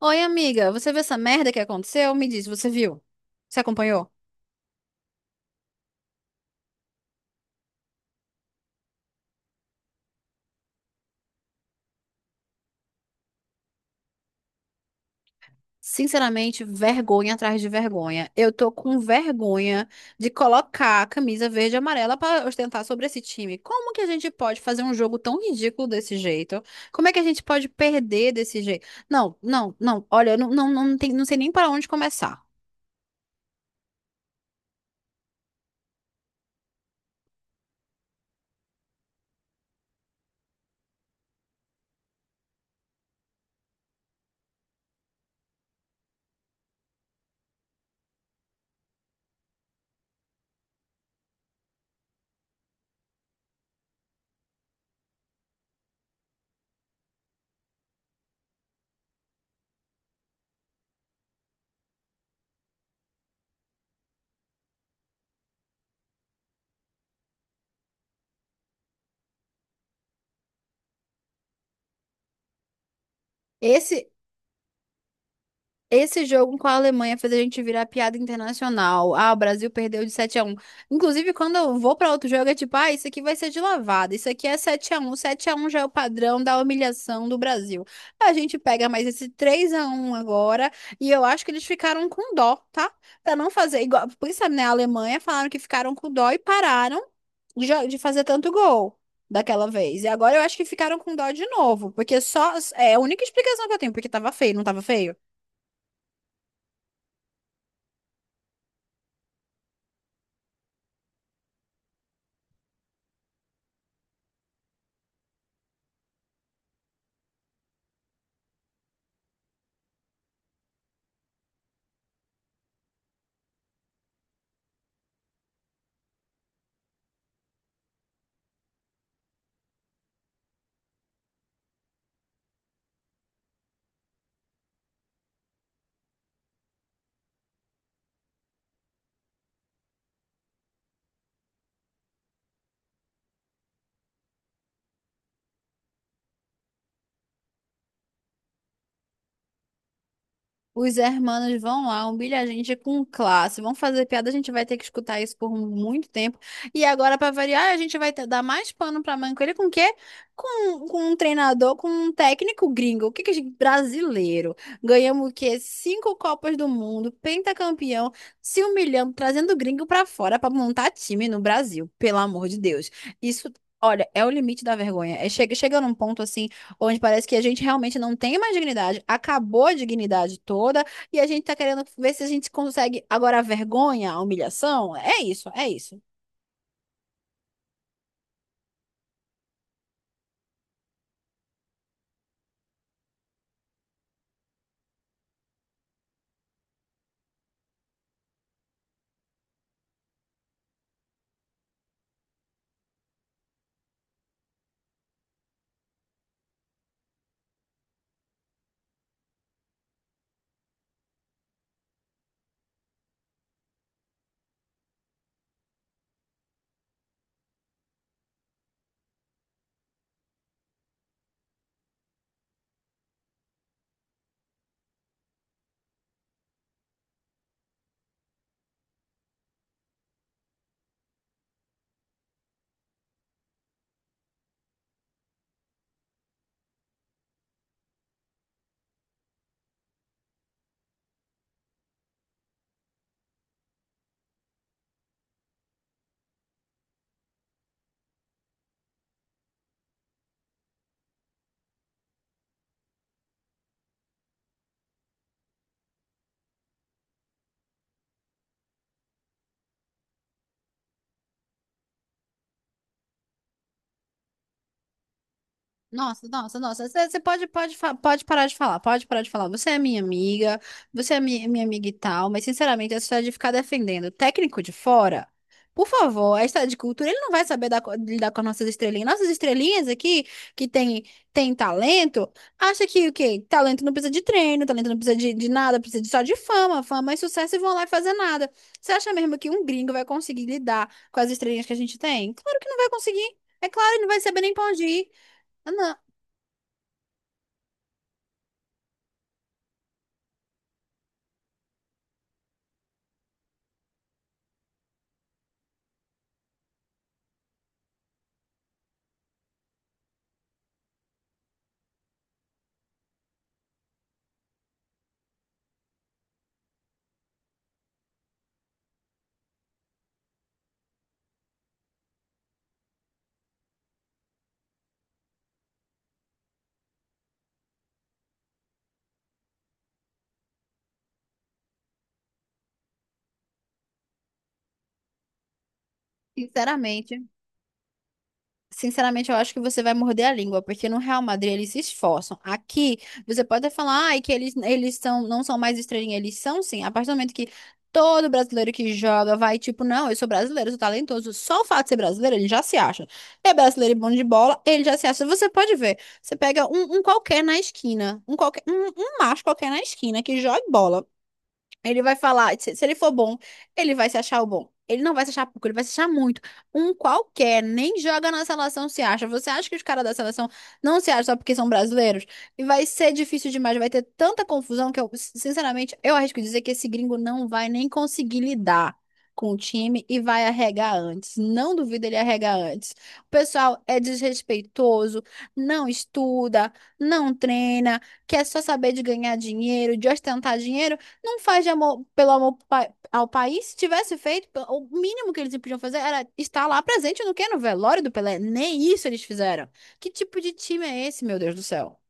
Oi, amiga, você viu essa merda que aconteceu? Me diz, você viu? Você acompanhou? Sinceramente, vergonha atrás de vergonha. Eu tô com vergonha de colocar a camisa verde e amarela pra ostentar sobre esse time. Como que a gente pode fazer um jogo tão ridículo desse jeito? Como é que a gente pode perder desse jeito? Não. Olha, eu não, tem, não sei nem para onde começar. Esse Esse jogo com a Alemanha fez a gente virar piada internacional. Ah, o Brasil perdeu de 7-1. Inclusive, quando eu vou pra outro jogo, é tipo, ah, isso aqui vai ser de lavada. Isso aqui é 7-1. 7 a um já é o padrão da humilhação do Brasil. A gente pega mais esse 3-1 agora e eu acho que eles ficaram com dó, tá? Pra não fazer igual, por isso, né, a Alemanha falaram que ficaram com dó e pararam de fazer tanto gol. Daquela vez. E agora eu acho que ficaram com dó de novo. Porque só. É a única explicação que eu tenho, porque tava feio, não tava feio? Os hermanos vão lá, humilha a gente com classe, vão fazer piada, a gente vai ter que escutar isso por muito tempo. E agora, para variar, a gente dar mais pano para manco. Com o quê? Com um treinador, com um técnico gringo, o brasileiro. Ganhamos o quê? Cinco Copas do Mundo, pentacampeão, se humilhando, trazendo gringo para fora para montar time no Brasil, pelo amor de Deus. Isso, olha, é o limite da vergonha. É, chega num ponto assim onde parece que a gente realmente não tem mais dignidade, acabou a dignidade toda e a gente tá querendo ver se a gente consegue agora a vergonha, a humilhação. É isso. Nossa. Você pode parar de falar, pode parar de falar. Você é minha amiga, você é minha amiga e tal, mas sinceramente, essa história de ficar defendendo o técnico de fora, por favor, a história de cultura, ele não vai saber lidar com as nossas estrelinhas. Nossas estrelinhas aqui, que tem, tem talento, acha que o quê? Talento não precisa de treino, talento não precisa de nada, só de fama, fama e sucesso e vão lá e fazer nada. Você acha mesmo que um gringo vai conseguir lidar com as estrelinhas que a gente tem? Claro que não vai conseguir. É claro, ele não vai saber nem pra onde ir. Ah, não. Sinceramente, sinceramente, eu acho que você vai morder a língua, porque no Real Madrid eles se esforçam. Aqui, você pode até falar, ai, que eles são, não são mais estrelinha, eles são sim. A partir do momento que todo brasileiro que joga vai, tipo, não, eu sou brasileiro, eu sou talentoso. Só o fato de ser brasileiro, ele já se acha. É brasileiro e bom de bola, ele já se acha. Você pode ver, você pega um qualquer na esquina, um qualquer, um macho qualquer na esquina que joga bola. Ele vai falar, se ele for bom, ele vai se achar o bom. Ele não vai se achar pouco, ele vai se achar muito. Um qualquer, nem joga na seleção, se acha. Você acha que os caras da seleção não se acham só porque são brasileiros? E vai ser difícil demais, vai ter tanta confusão que eu, sinceramente, eu arrisco dizer que esse gringo não vai nem conseguir lidar com o time e vai arregar antes. Não duvido ele arregar antes. O pessoal é desrespeitoso, não estuda, não treina, quer só saber de ganhar dinheiro, de ostentar dinheiro. Não faz de amor, ao país. Se tivesse feito, o mínimo que eles podiam fazer era estar lá presente no quê? No velório do Pelé. Nem isso eles fizeram. Que tipo de time é esse, meu Deus do céu?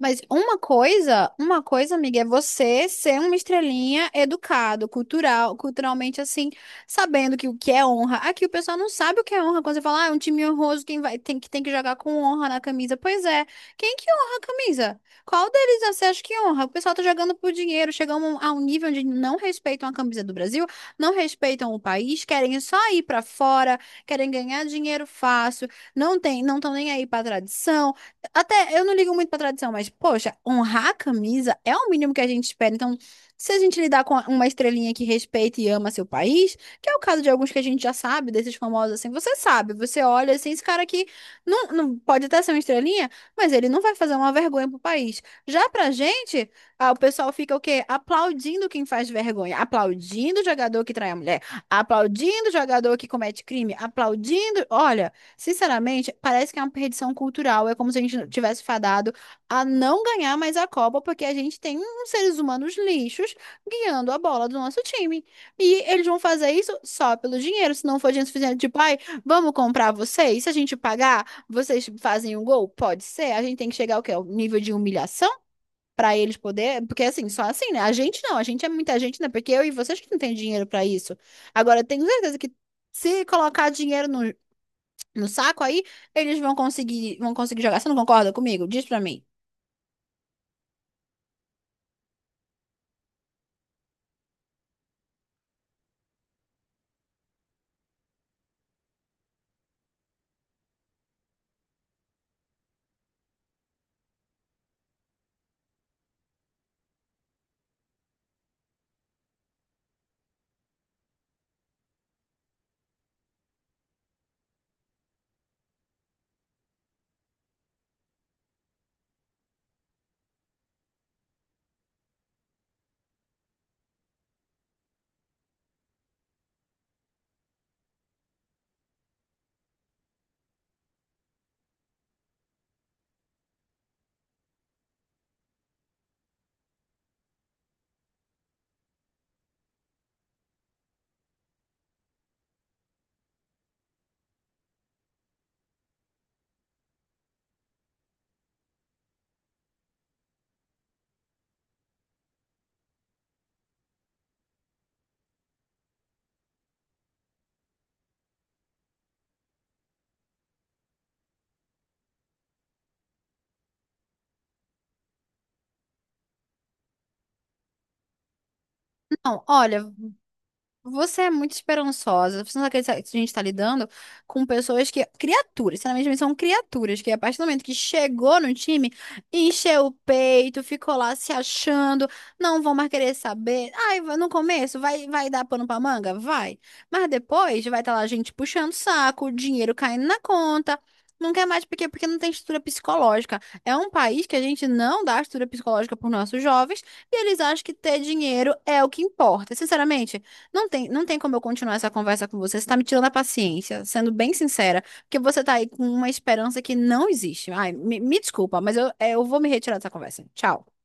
Mas uma coisa, amiga, é você ser uma estrelinha educado, culturalmente assim, sabendo que o que é honra. Aqui o pessoal não sabe o que é honra quando você fala, ah, é um time honroso, quem vai, tem que jogar com honra na camisa. Pois é, quem que honra a camisa? Qual deles você acha que honra? O pessoal tá jogando por dinheiro, chegamos a um nível onde não respeitam a camisa do Brasil, não respeitam o país, querem só ir pra fora, querem ganhar dinheiro fácil, não tem, não estão nem aí pra tradição até eu não ligo muito pra tradição, mas, poxa, honrar a camisa é o mínimo que a gente espera. Então, se a gente lidar com uma estrelinha que respeita e ama seu país, que é o caso de alguns que a gente já sabe, desses famosos assim, você sabe, você olha assim, esse cara aqui não, não pode até ser uma estrelinha, mas ele não vai fazer uma vergonha pro país. Já pra gente, ah, o pessoal fica o quê? Aplaudindo quem faz vergonha, aplaudindo o jogador que trai a mulher, aplaudindo o jogador que comete crime, aplaudindo. Olha. Sinceramente, parece que é uma perdição cultural. É como se a gente tivesse fadado a não ganhar mais a Copa, porque a gente tem uns seres humanos lixos guiando a bola do nosso time. E eles vão fazer isso só pelo dinheiro. Se não for dinheiro suficiente, tipo, ai, vamos comprar vocês? Se a gente pagar, vocês fazem um gol? Pode ser. A gente tem que chegar ao quê? Ao nível de humilhação? Pra eles poder, porque assim, só assim, né? A gente não, a gente é muita gente, né? Porque eu e vocês que não tem dinheiro pra isso. Agora, eu tenho certeza que se colocar dinheiro no saco, aí eles vão conseguir jogar. Você não concorda comigo? Diz pra mim. Não, olha, você é muito esperançosa. Você não acredita que a gente está lidando com pessoas que. Criaturas, sinceramente, são criaturas que, a partir do momento que chegou no time, encheu o peito, ficou lá se achando, não vão mais querer saber. Ai, no começo vai, vai dar pano pra manga? Vai. Mas depois vai estar lá a gente puxando o saco, o dinheiro caindo na conta. Não quer mais porque não tem estrutura psicológica. É um país que a gente não dá estrutura psicológica para os nossos jovens e eles acham que ter dinheiro é o que importa. Sinceramente. Não tem como eu continuar essa conversa com você. Você tá me tirando a paciência, sendo bem sincera, porque você tá aí com uma esperança que não existe. Ai, me desculpa, mas eu, é, eu vou me retirar dessa conversa. Tchau.